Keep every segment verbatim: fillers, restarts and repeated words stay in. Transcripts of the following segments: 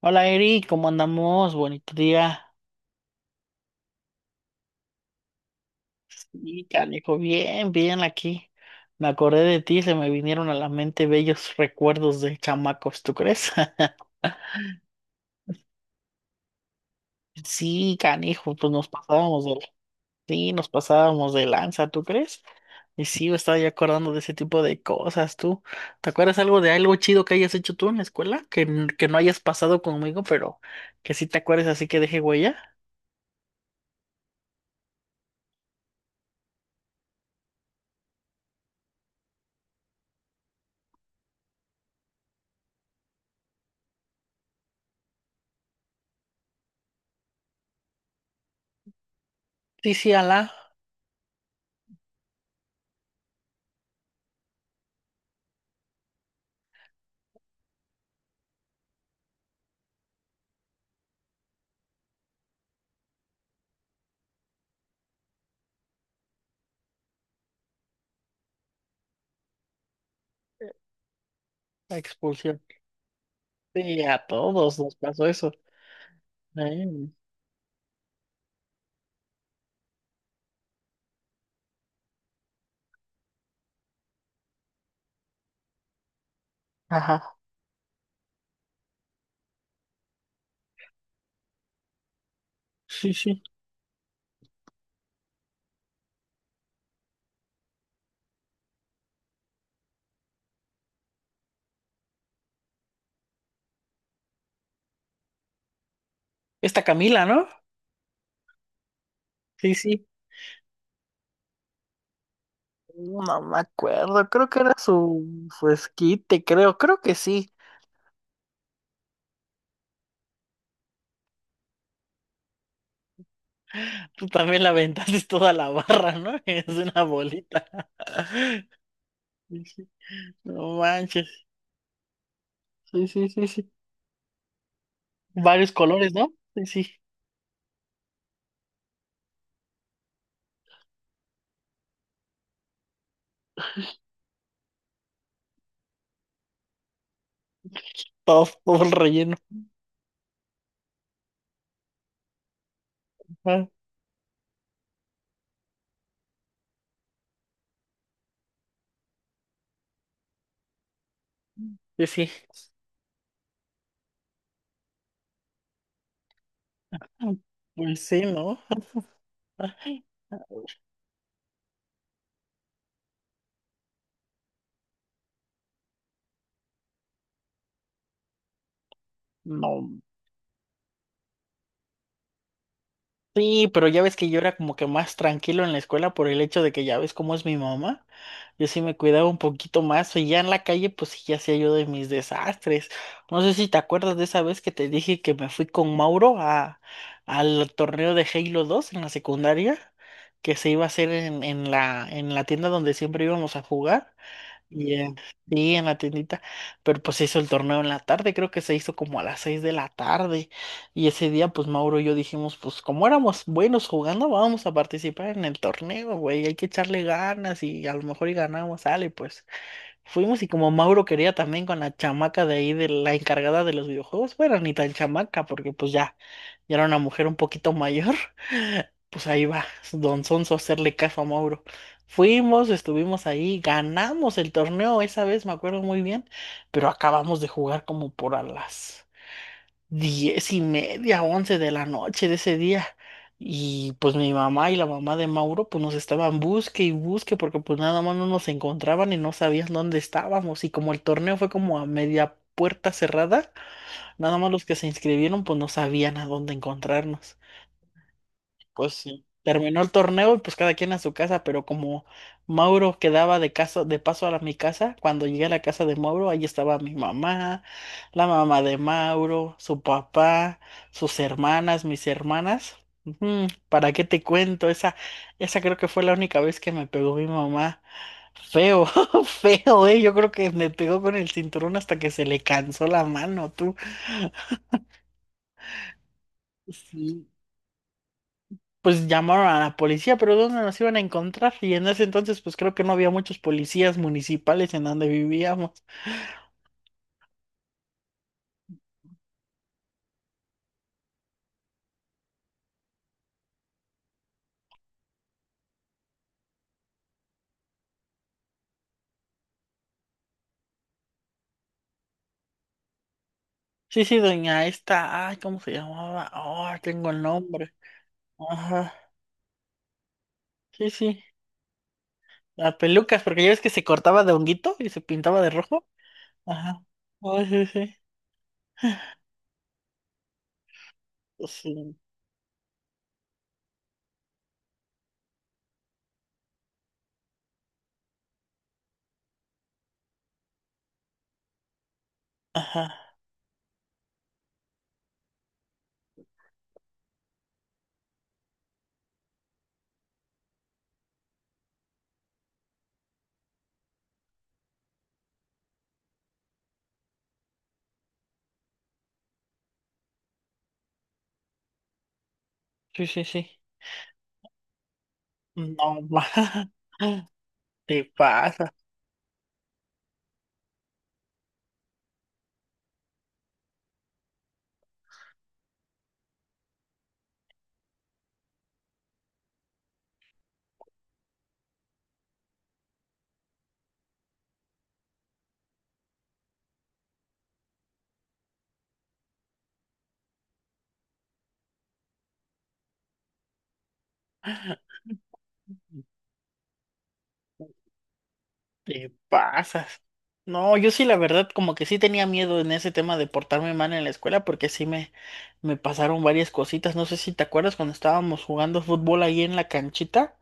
Hola Eri, ¿cómo andamos? Bonito día. Sí, canijo, bien, bien aquí. Me acordé de ti, se me vinieron a la mente bellos recuerdos de chamacos, ¿tú crees? Sí, canijo, pues nos pasábamos de, sí, nos pasábamos de lanza, ¿tú crees? Y sí, me estaba ya acordando de ese tipo de cosas, tú. ¿Te acuerdas algo de algo chido que hayas hecho tú en la escuela? Que, n- que no hayas pasado conmigo, pero que sí te acuerdes así que deje huella. Sí, sí, a la expulsión. Sí, a todos nos pasó eso. Ajá, sí, sí. Esta Camila, ¿no? Sí, sí. No me acuerdo, creo que era su, su esquite, creo, creo que sí. Tú también la aventaste toda la barra, ¿no? Es una bolita. Sí, sí. No manches. Sí, sí, sí, sí. Varios colores, ¿no? Sí, sí. Todo, todo el relleno. Ajá. Sí, sí. Ah, pues sí, ¿no? No. Sí, pero ya ves que yo era como que más tranquilo en la escuela por el hecho de que ya ves cómo es mi mamá. Yo sí me cuidaba un poquito más y ya en la calle pues sí ya hacía yo de mis desastres. No sé si te acuerdas de esa vez que te dije que me fui con Mauro a al torneo de Halo dos en la secundaria que se iba a hacer en, en la en la tienda donde siempre íbamos a jugar. Y en- sí, en la tiendita, pero pues se hizo el torneo en la tarde, creo que se hizo como a las seis de la tarde. Y ese día, pues Mauro y yo dijimos, pues como éramos buenos jugando, vamos a participar en el torneo, güey, hay que echarle ganas y a lo mejor y ganamos, sale, pues. Fuimos y como Mauro quería también con la chamaca de ahí, de la encargada de los videojuegos, bueno, ni tan chamaca, porque pues ya, ya era una mujer un poquito mayor, pues ahí va, Don Sonso a hacerle caso a Mauro. Fuimos, estuvimos ahí, ganamos el torneo esa vez, me acuerdo muy bien, pero acabamos de jugar como por a las diez y media, once de la noche de ese día. Y pues mi mamá y la mamá de Mauro pues nos estaban busque y busque porque pues nada más no nos encontraban y no sabían dónde estábamos. Y como el torneo fue como a media puerta cerrada, nada más los que se inscribieron pues no sabían a dónde encontrarnos. Pues sí. Terminó el torneo y pues cada quien a su casa, pero como Mauro quedaba de casa, de paso a la- mi casa, cuando llegué a la casa de Mauro, ahí estaba mi mamá, la mamá de Mauro, su papá, sus hermanas, mis hermanas. Ujú. ¿Para qué te cuento? Esa, esa creo que fue la única vez que me pegó mi mamá. Feo, feo, eh. Yo creo que me pegó con el cinturón hasta que se le cansó la mano, tú. Sí. Pues llamaron a la policía, pero ¿dónde nos iban a encontrar? Y en ese entonces, pues creo que no había muchos policías municipales en donde vivíamos. Sí, sí, doña esta, ay, ¿cómo se llamaba? Oh, tengo el nombre. Ajá, sí, sí. La pelucas, porque ya ves que se cortaba de honguito y se pintaba de rojo. Ajá. Ay, sí, sí. Pues sí. Ajá. Sí, sí, sí. No, ma. Te pasa. Te pasas. No, yo sí, la verdad, como que sí tenía miedo en ese tema de portarme mal en la escuela, porque sí me, me, pasaron varias cositas. No sé si te acuerdas cuando estábamos jugando fútbol ahí en la canchita,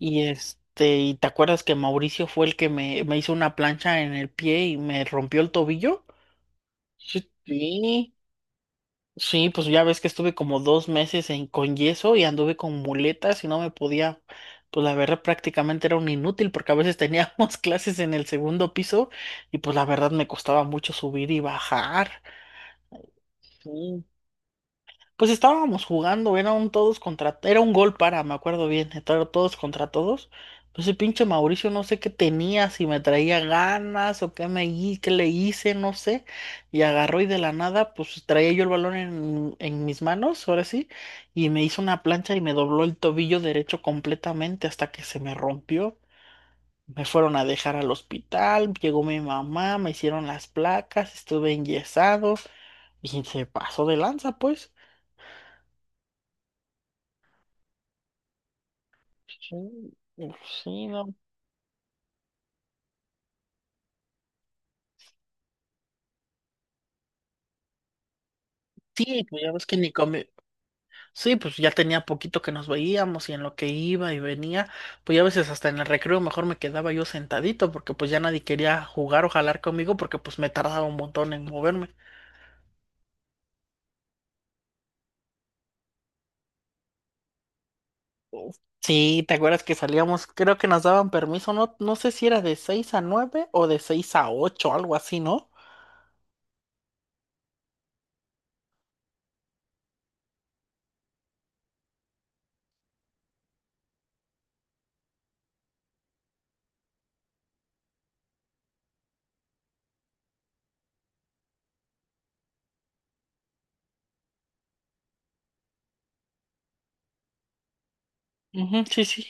y este, y te acuerdas que Mauricio fue el que me, me hizo una plancha en el pie y me rompió el tobillo. Sí. Sí, pues ya ves que estuve como dos meses en, con yeso y anduve con muletas y no me podía, pues la verdad prácticamente era un inútil porque a veces teníamos clases en el segundo piso y pues la verdad me costaba mucho subir y bajar. Sí. Pues estábamos jugando, era un todos contra, era un gol para, me acuerdo bien, era todos contra todos. Pues el pinche Mauricio no sé qué tenía, si me traía ganas o qué me hi- qué le hice, no sé. Y agarró y de la nada, pues traía yo el balón en, en mis manos, ahora sí, y me hizo una plancha y me dobló el tobillo derecho completamente hasta que se me rompió. Me fueron a dejar al hospital, llegó mi mamá, me hicieron las placas, estuve enyesado y se pasó de lanza, pues. Sí, sí, no. Sí, pues ya ves que ni comí. Sí, pues ya tenía poquito que nos veíamos y en lo que iba y venía, pues ya a veces hasta en el recreo mejor me quedaba yo sentadito porque pues ya nadie quería jugar o jalar conmigo porque pues me tardaba un montón en moverme. Uf. Sí, ¿te acuerdas que salíamos? Creo que nos daban permiso, no, no sé si era de seis a nueve o de seis a ocho algo así, ¿no? Ujú, sí, sí.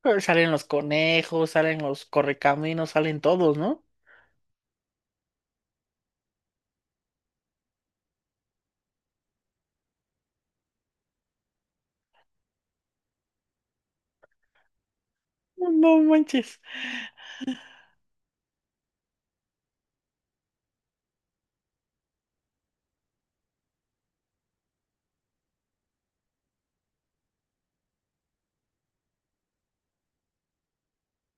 Pero salen los conejos, salen los correcaminos, salen todos, ¿no? No manches.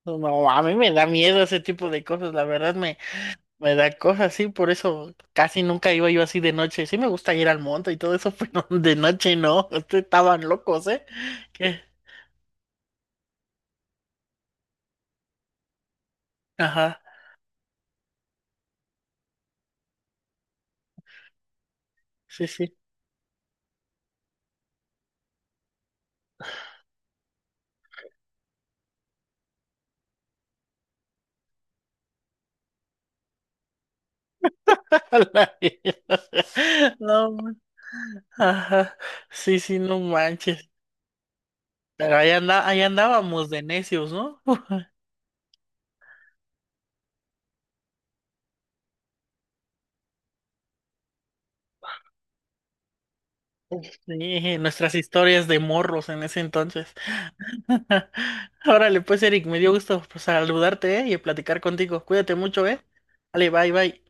No, no, a mí me da miedo ese tipo de cosas, la verdad me, me da cosas así, por eso casi nunca iba yo así de noche. Sí me gusta ir al monte y todo eso, pero de noche no, ustedes estaban locos, ¿eh? ¿Qué? Ajá, sí, sí. A la mierda. No, man- ajá, sí, sí, no manches. Pero ahí anda, ahí andábamos de necios, ¿no? Sí, nuestras historias de morros en ese entonces. Órale, pues Eric, me dio gusto pues, saludarte, ¿eh? Y platicar contigo. Cuídate mucho, ¿eh? Vale, bye, bye.